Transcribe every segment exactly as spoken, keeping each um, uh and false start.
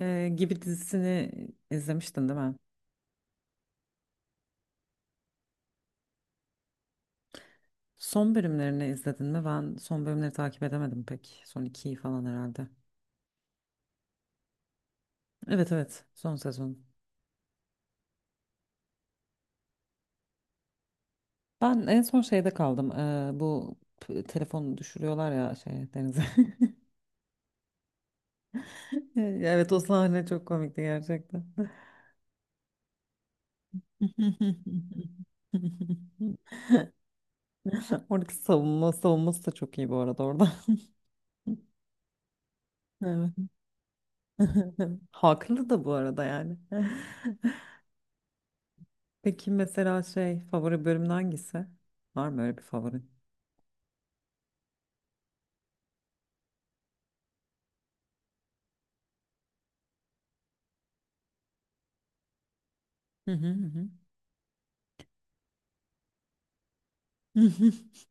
e, Gibi dizisini izlemiştin değil mi? Son bölümlerini izledin mi? Ben son bölümleri takip edemedim pek. Son ikiyi falan herhalde. Evet evet son sezon. Ben en son şeyde kaldım. E, bu p- telefonu düşürüyorlar ya şey denize. Evet o sahne çok komikti gerçekten. Oradaki savunma savunması da çok iyi bu arada orada. Evet. Haklı da bu arada yani. Peki mesela şey favori bölümün hangisi? Var mı öyle bir favorin? Hı hı hı. Hı.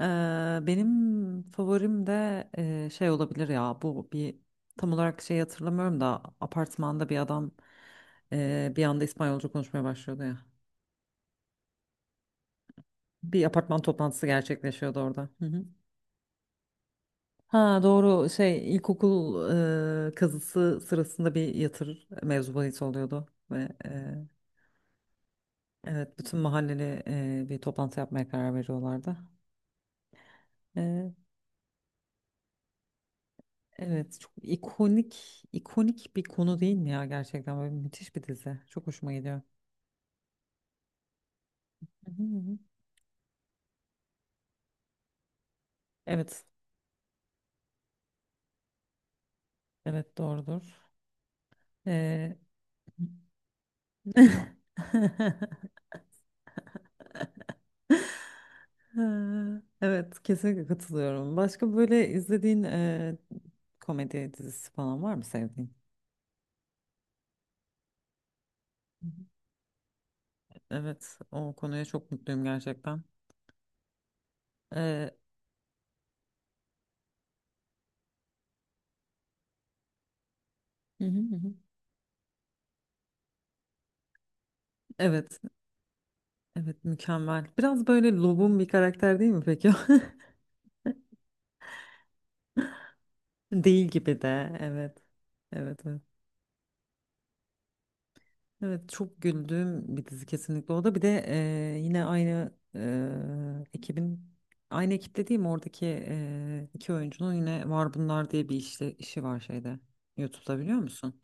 Eee, Benim favorim de eee, şey olabilir ya bu bir tam olarak şey hatırlamıyorum da apartmanda bir adam eee, bir anda İspanyolca konuşmaya başlıyordu ya. Bir apartman toplantısı gerçekleşiyordu orada. Hı hı. Ha doğru şey ilkokul eee kazısı sırasında bir yatır mevzu bahis oluyordu ve eee, evet bütün mahalleli eee, bir toplantı yapmaya karar veriyorlardı. Evet, çok ikonik ikonik bir konu değil mi ya, gerçekten böyle müthiş bir dizi. Çok hoşuma gidiyor. Hı hı hı. Evet, evet doğrudur. Ee, Ha, evet, kesinlikle katılıyorum. Başka böyle izlediğin e, komedi dizisi falan var mı sevdiğin? Hı hı. Evet, o konuya çok mutluyum gerçekten. Ee, Hı hı hı. Evet, evet mükemmel. Biraz böyle lobum bir karakter değil mi peki? Değil gibi de evet. Evet evet. Evet çok güldüğüm bir dizi kesinlikle o da. Bir de e, yine aynı e, ekibin aynı ekip dediğim oradaki e, iki oyuncunun yine Var Bunlar diye bir işle, işi var şeyde. YouTube'da biliyor musun?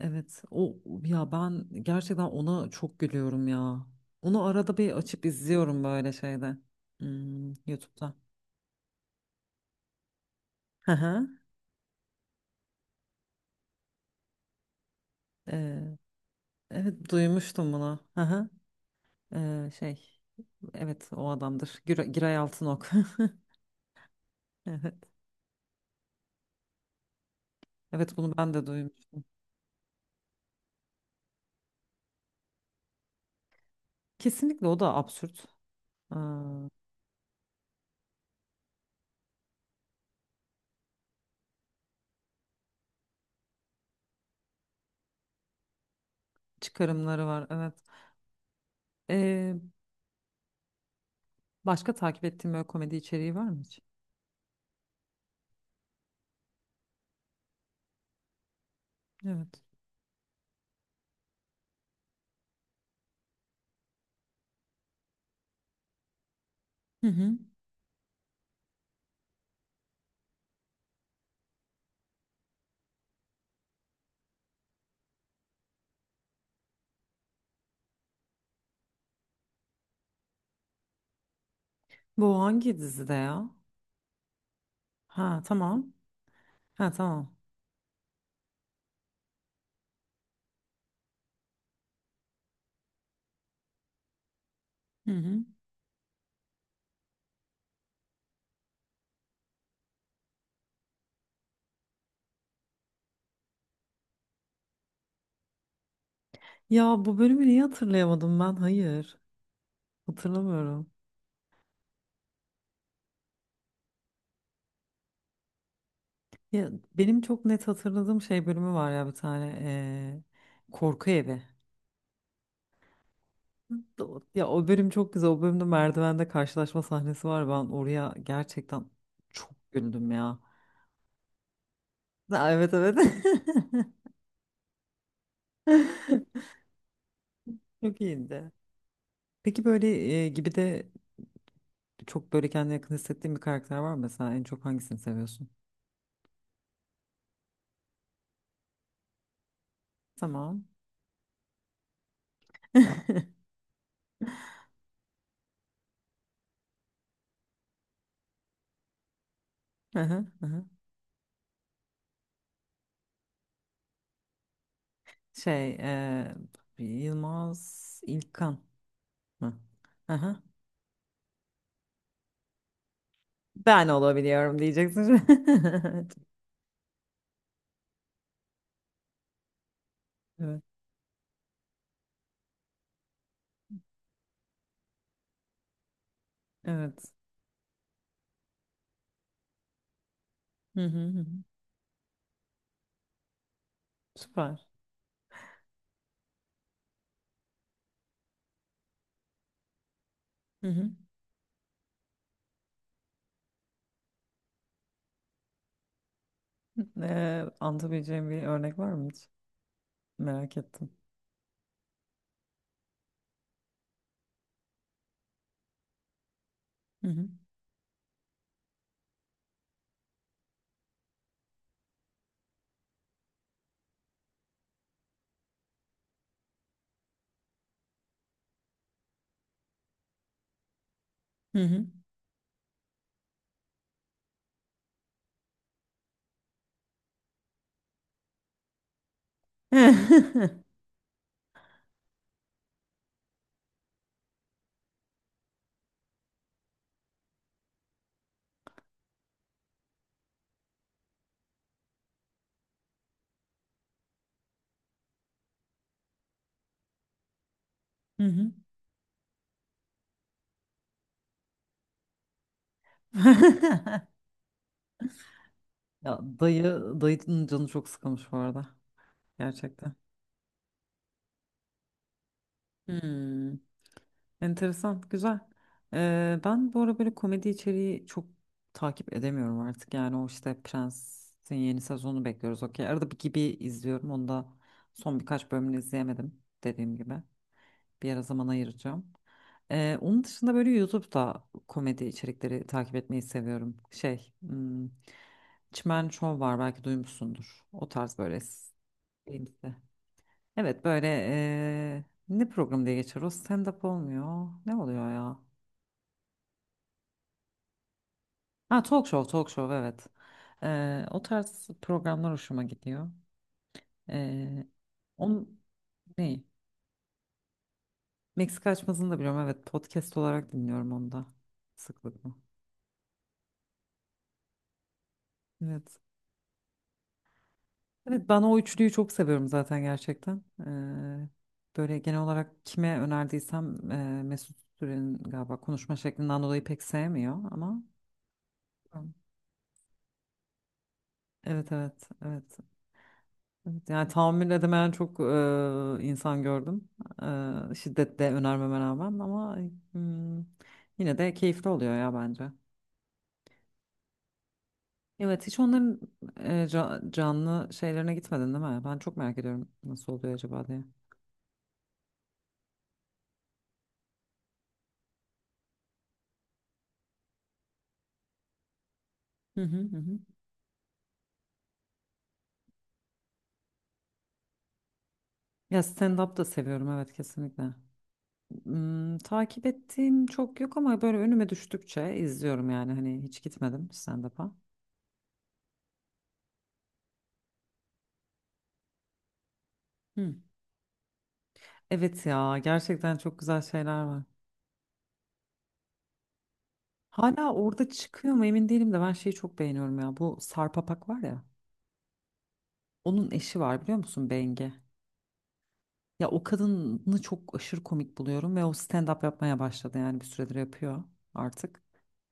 Evet o, ya ben gerçekten ona çok gülüyorum ya. Onu arada bir açıp izliyorum böyle şeyde. Hmm, YouTube'da. Hı hı. E, evet duymuştum bunu. Hı hı. E, şey. Evet o adamdır. Gür- Giray Altınok. Evet. Evet bunu ben de duymuştum. Kesinlikle o da absürt. Aa, çıkarımları var. Evet. Ee, Başka takip ettiğin böyle komedi içeriği var mı hiç? Evet. Hı hı. Bu hangi dizide ya? Ha tamam. Ha tamam. Hı hı. Ya bu bölümü niye hatırlayamadım ben? Hayır. Hatırlamıyorum. Ya, benim çok net hatırladığım şey bölümü var ya bir tane. Ee, korku evi. O- Ya o bölüm çok güzel. O bölümde merdivende karşılaşma sahnesi var. Ben oraya gerçekten çok güldüm ya. Ha, evet evet. Çok iyiydi. Peki böyle e, gibi de çok böyle kendine yakın hissettiğin bir karakter var mı? Mesela en çok hangisini seviyorsun? Tamam. Aha, aha. Şey, e, Yılmaz İlkan mı? Aha. Ben olabiliyorum diyeceksin. Evet. Evet. Hı hı hı. Süper. Hı. Süper. Ee, anlatabileceğim bir örnek var mı hiç? Merak ettim. Hı hı. Hı hı. Hı hı. Ya dayı, dayının canı çok sıkılmış bu arada. Gerçekten. Hmm. Enteresan, güzel. Ee, ben bu ara böyle komedi içeriği çok takip edemiyorum artık. Yani o işte Prens'in yeni sezonu bekliyoruz. Okey. Arada bir gibi izliyorum. Onu da son birkaç bölümünü izleyemedim dediğim gibi. Bir ara zaman ayıracağım. Ee, onun dışında böyle YouTube'da komedi içerikleri takip etmeyi seviyorum. Şey, hmm, Çimen Show var belki duymuşsundur. O tarz böyle. S- şeyimsi. Evet böyle ee, ne program diye geçer o? Stand-up olmuyor. Ne oluyor ya? Ha talk show, talk show evet. Ee, o tarz programlar hoşuma gidiyor. Ee, Onun neyi? Meksika açmasını da biliyorum evet, podcast olarak dinliyorum onu da sıklıkla. Evet. Evet, ben o üçlüyü çok seviyorum zaten gerçekten. Ee, böyle genel olarak kime önerdiysem e, Mesut Süren'in galiba konuşma şeklinden dolayı pek sevmiyor ama evet evet evet. Evet, yani tahammül edemeyen çok e, insan gördüm. E, şiddetle önermeme rağmen ama hmm, yine de keyifli oluyor ya bence. Evet hiç onların e, ca- canlı şeylerine gitmedin değil mi? Ben çok merak ediyorum nasıl oluyor acaba diye. Hı hı hı. Hı. Ya stand-up da seviyorum evet kesinlikle. Hmm, takip ettiğim çok yok ama böyle önüme düştükçe izliyorum yani hani hiç gitmedim stand-up'a. Hı. Evet ya gerçekten çok güzel şeyler var. Hala orada çıkıyor mu emin değilim de ben şeyi çok beğeniyorum ya. Bu Sarp Apak var ya. Onun eşi var biliyor musun, Bengi? Ya o kadını çok aşırı komik buluyorum ve o stand-up yapmaya başladı yani bir süredir yapıyor artık.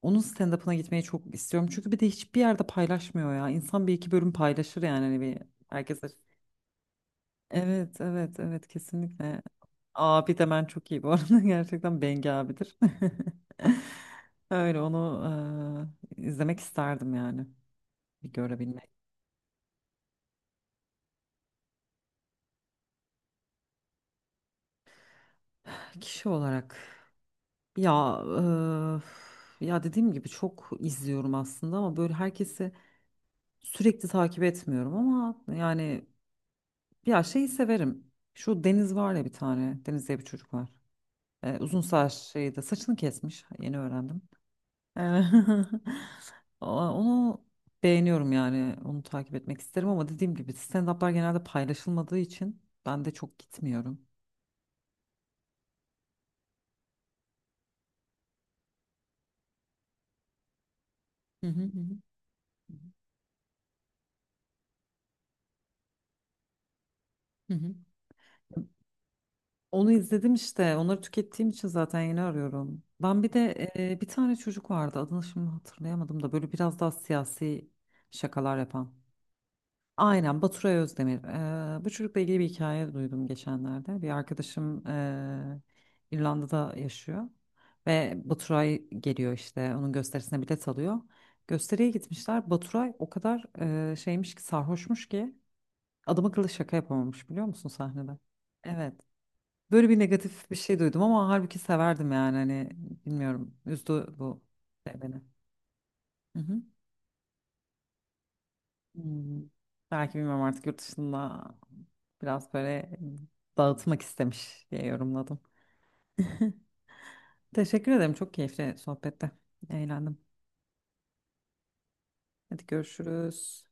Onun stand-up'ına gitmeyi çok istiyorum. Çünkü bir de hiçbir yerde paylaşmıyor ya. İnsan bir iki bölüm paylaşır yani hani bir herkese. Evet, evet, evet kesinlikle. Abi de ben çok iyi bu arada. Gerçekten Bengi abidir. Öyle onu eee, izlemek isterdim yani. Bir görebilmek. Kişi olarak ya eee, ya dediğim gibi çok izliyorum aslında ama böyle herkesi sürekli takip etmiyorum ama yani ya şeyi severim. Şu Deniz var ya bir tane. Deniz diye bir çocuk var. Ee, uzun saç şeyi de saçını kesmiş. Yeni öğrendim. Ee, o- Onu beğeniyorum yani. Onu takip etmek isterim ama dediğim gibi stand-up'lar genelde paylaşılmadığı için ben de çok gitmiyorum. Hı hı hı. Hı. Hı hı. Onu izledim işte. Onları tükettiğim için zaten yeni arıyorum. Ben bir de e, bir tane çocuk vardı. Adını şimdi hatırlayamadım da böyle biraz daha siyasi şakalar yapan. Aynen Baturay Özdemir. E, bu çocukla ilgili bir hikaye duydum geçenlerde. Bir arkadaşım e, İrlanda'da yaşıyor ve Baturay geliyor işte. Onun gösterisine bilet alıyor. Gösteriye gitmişler. Baturay o kadar e, şeymiş ki, sarhoşmuş ki adam akıllı şaka yapamamış biliyor musun sahnede? Evet. Böyle bir negatif bir şey duydum ama halbuki severdim yani hani bilmiyorum, üzdü bu şey beni. Hı hı. Hmm. Belki bilmiyorum artık yurt dışında biraz böyle dağıtmak istemiş diye yorumladım. Teşekkür ederim, çok keyifli sohbette eğlendim. Hadi görüşürüz.